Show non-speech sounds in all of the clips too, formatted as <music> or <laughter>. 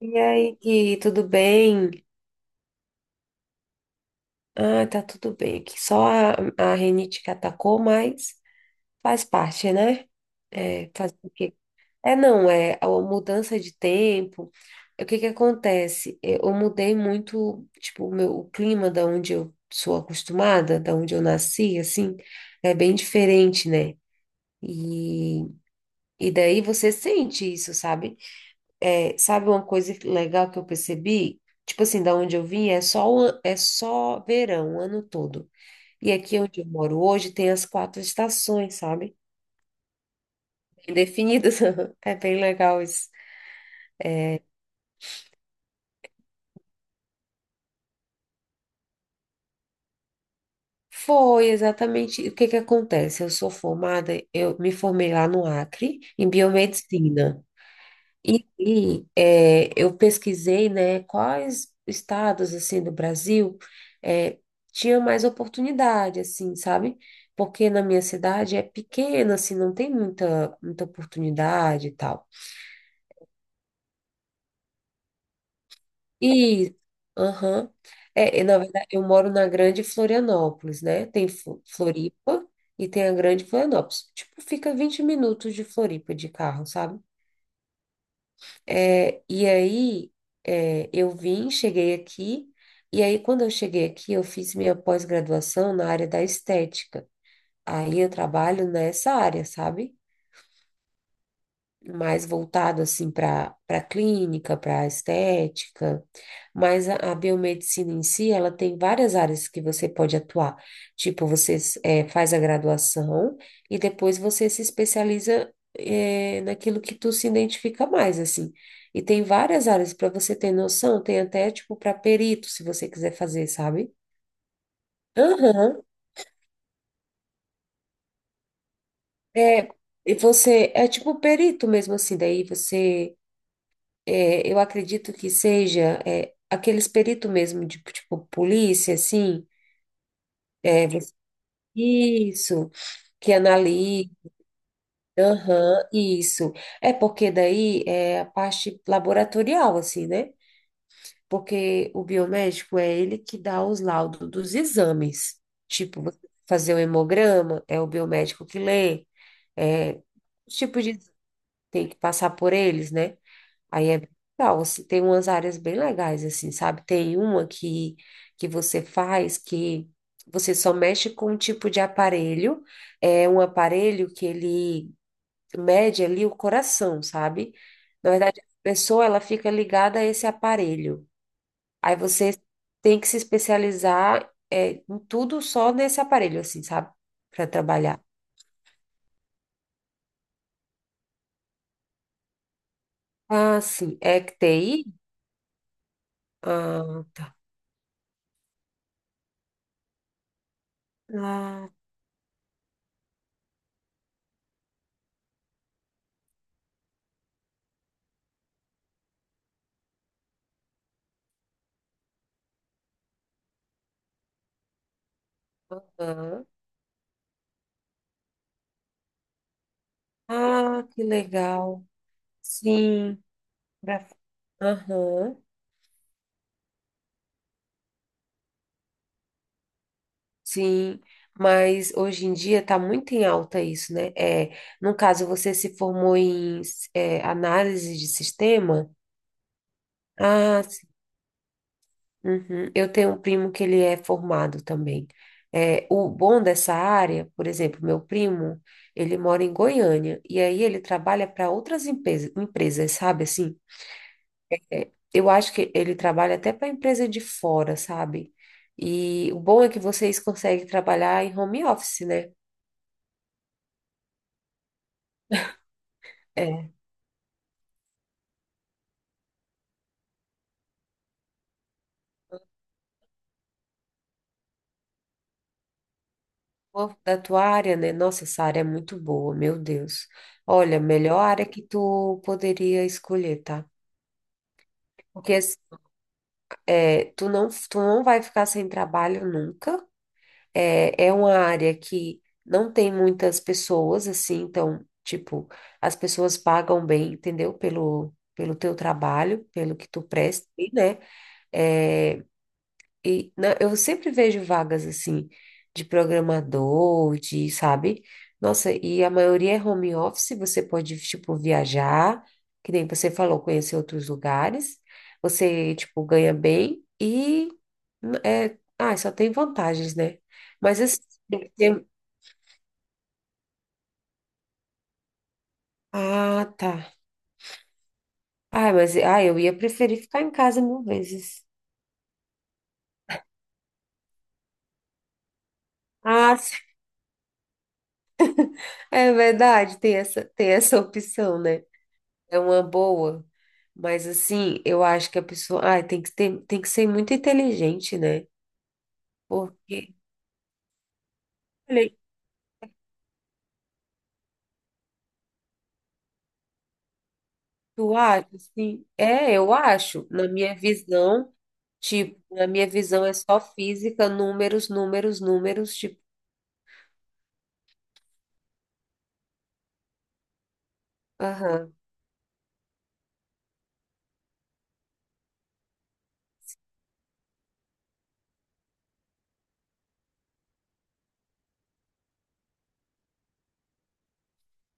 E aí, Gui, tudo bem? Ah, tá tudo bem aqui. Só a rinite que atacou, mas faz parte, né? É, faz o quê? É, não, é a mudança de tempo. O que que acontece? Eu mudei muito, tipo, o meu, o clima da onde eu sou acostumada, da onde eu nasci, assim, é bem diferente, né? E, e daí você sente isso, sabe? É, sabe uma coisa legal que eu percebi? Tipo assim, da onde eu vim é só verão, o ano todo. E aqui onde eu moro hoje tem as quatro estações, sabe? Bem definidas. <laughs> É bem legal isso. Foi exatamente o que que acontece. Eu sou formada, eu me formei lá no Acre, em biomedicina. Eu pesquisei, né, quais estados, assim, do Brasil é, tinha mais oportunidade, assim, sabe? Porque na minha cidade é pequena, assim, não tem muita, muita oportunidade e tal. E, aham, na verdade, eu moro na Grande Florianópolis, né? Tem Floripa e tem a Grande Florianópolis. Tipo, fica 20 minutos de Floripa de carro, sabe? É, e aí, eu vim, cheguei aqui, e aí, quando eu cheguei aqui, eu fiz minha pós-graduação na área da estética. Aí, eu trabalho nessa área, sabe? Mais voltado assim para clínica, para estética, mas a biomedicina em si, ela tem várias áreas que você pode atuar. Tipo, você faz a graduação e depois você se especializa naquilo que tu se identifica mais, assim. E tem várias áreas para você ter noção, tem até tipo para perito, se você quiser fazer, sabe? Aham. É, e você é tipo perito mesmo assim, daí eu acredito que seja aqueles peritos mesmo, de, tipo, polícia, assim, é, você- isso, que analisa, aham, isso. É porque daí é a parte laboratorial, assim, né? Porque o biomédico é ele que dá os laudos dos exames. Tipo, você fazer o hemograma, é o biomédico que lê, é, os tipos de... Tem que passar por eles, né? Aí é bem legal, assim, tem umas áreas bem legais, assim, sabe? Tem uma que você faz que você só mexe com um tipo de aparelho, é um aparelho que ele mede ali o coração, sabe? Na verdade, a pessoa, ela fica ligada a esse aparelho. Aí você tem que se especializar, é, em tudo só nesse aparelho, assim, sabe? Para trabalhar. Ah, sim, é que TI? Ah, tá. Ah, aham. Ah, que legal. Sim, pra- aham, sim, mas hoje em dia está muito em alta isso, né? É, no caso, você se formou em análise de sistema? Ah, sim. Uhum. Eu tenho um primo que ele é formado também. É, o bom dessa área, por exemplo, meu primo, ele mora em Goiânia, e aí ele trabalha para outras empresas, sabe assim? Eu acho que ele trabalha até para empresa de fora, sabe? E o bom é que vocês conseguem trabalhar em home office, né? É. Pô, da tua área, né? Nossa, essa área é muito boa, meu Deus. Olha, melhor área que tu poderia escolher, tá? Porque assim, tu não vai ficar sem trabalho nunca. É, é uma área que não tem muitas pessoas, assim, então, tipo, as pessoas pagam bem, entendeu? Pelo teu trabalho, pelo que tu presta, né? É, e eu sempre vejo vagas assim de programador, de, sabe? Nossa, e a maioria é home office, você pode, tipo, viajar, que nem você falou, conhecer outros lugares, você, tipo, ganha bem e só tem vantagens, né? Mas assim, tem que ter- ah, tá. Ah, mas eu ia preferir ficar em casa mil vezes. Ah, sim. <laughs> É verdade, tem essa opção, né? É uma boa. Mas assim, eu acho que a pessoa, ai, tem que ter, tem que ser muito inteligente, né? Porque, olha, tu acha assim, é, eu acho, na minha visão, tipo, na minha visão é só física, números, números, números, tipo, aham,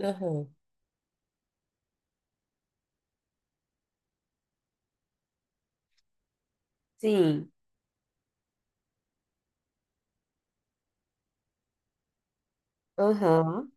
aham. Sim, aham.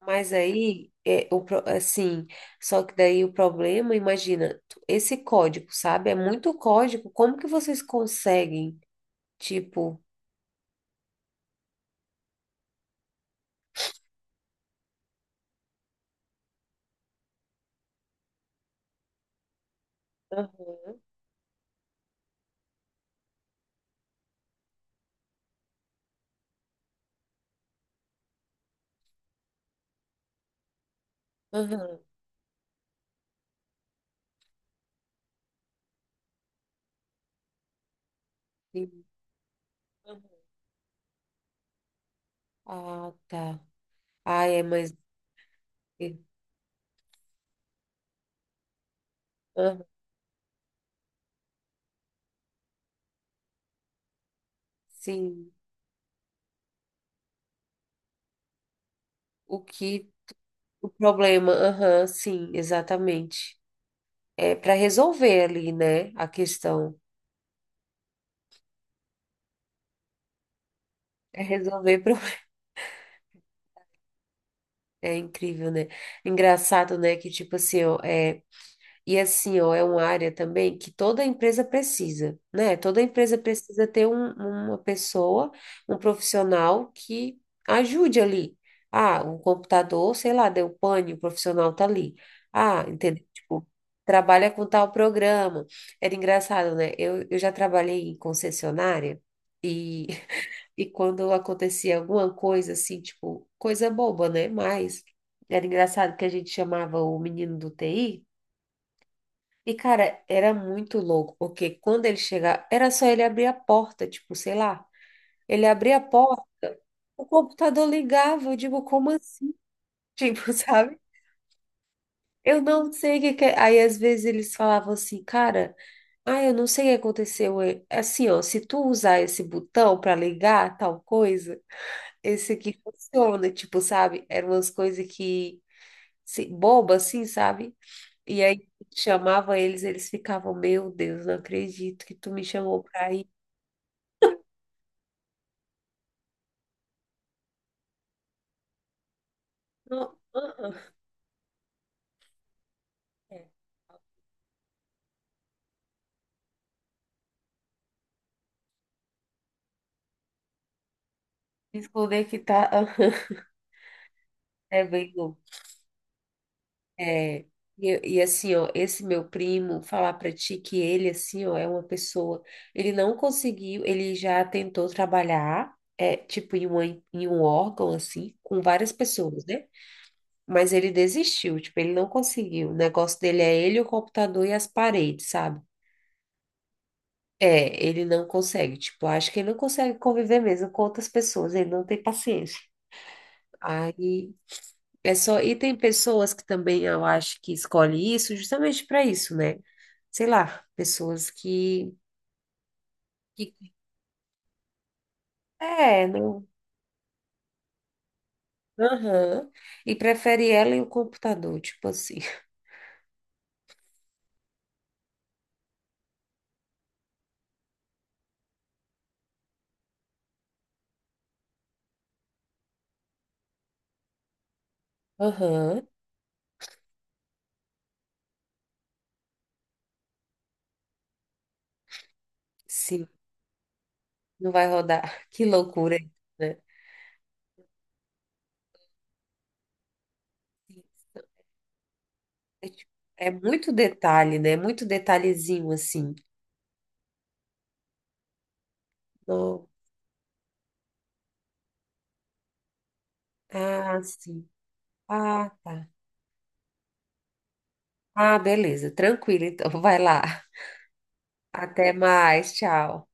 Mas aí é assim, só que daí o problema, imagina, tu- esse código, sabe? É muito código. Como que vocês conseguem, tipo, aham. Aham, sim. Aham. Ah, tá. Ai, é, mas. Aham, sim. O que. O problema. Aham, sim, exatamente. É para resolver ali, né? A questão. É resolver. <laughs> É incrível, né? Engraçado, né? Que tipo assim, ó, é. E assim, ó, é uma área também que toda empresa precisa, né? Toda empresa precisa ter uma pessoa, um profissional que ajude ali. Ah, um computador, sei lá, deu pane, o profissional tá ali. Ah, entendeu? Tipo, trabalha com tal programa. Era engraçado, né? Eu já trabalhei em concessionária e, <laughs> e quando acontecia alguma coisa assim, tipo, coisa boba, né? Mas era engraçado que a gente chamava o menino do TI. E, cara, era muito louco, porque quando ele chegava, era só ele abrir a porta, tipo, sei lá. Ele abria a porta, o computador ligava. Eu digo, como assim? <laughs> Tipo, sabe? Eu não sei o que que é. Aí, às vezes, eles falavam assim, cara, ah, eu não sei o que aconteceu. Assim, ó, se tu usar esse botão para ligar tal coisa, esse aqui funciona, tipo, sabe? Eram umas coisas que, se, boba, assim, sabe? E aí chamava eles, eles ficavam, meu Deus, não acredito que tu me chamou pra ir. Não, ah, ah. É. Desconectar, aham. <laughs> É bem louco. É, e, assim, ó, esse meu primo, falar pra ti que ele, assim, ó, é uma pessoa, ele não conseguiu, ele já tentou trabalhar, é, tipo, em um órgão, assim, com várias pessoas, né? Mas ele desistiu, tipo, ele não conseguiu. O negócio dele é ele, o computador e as paredes, sabe? É, ele não consegue, tipo, acho que ele não consegue conviver mesmo com outras pessoas, ele não tem paciência. Aí é só, e tem pessoas que também eu acho que escolhe isso justamente para isso, né? Sei lá, pessoas que é, não, aham, e prefere ela e o computador, tipo assim. <laughs> Aham, sim, não vai rodar. <laughs> Que loucura, né? É, tipo, é muito detalhe, né? Muito detalhezinho assim. Não, ah, sim. Ah, tá. Ah, beleza. Tranquilo, então. Vai lá. Até mais. Tchau.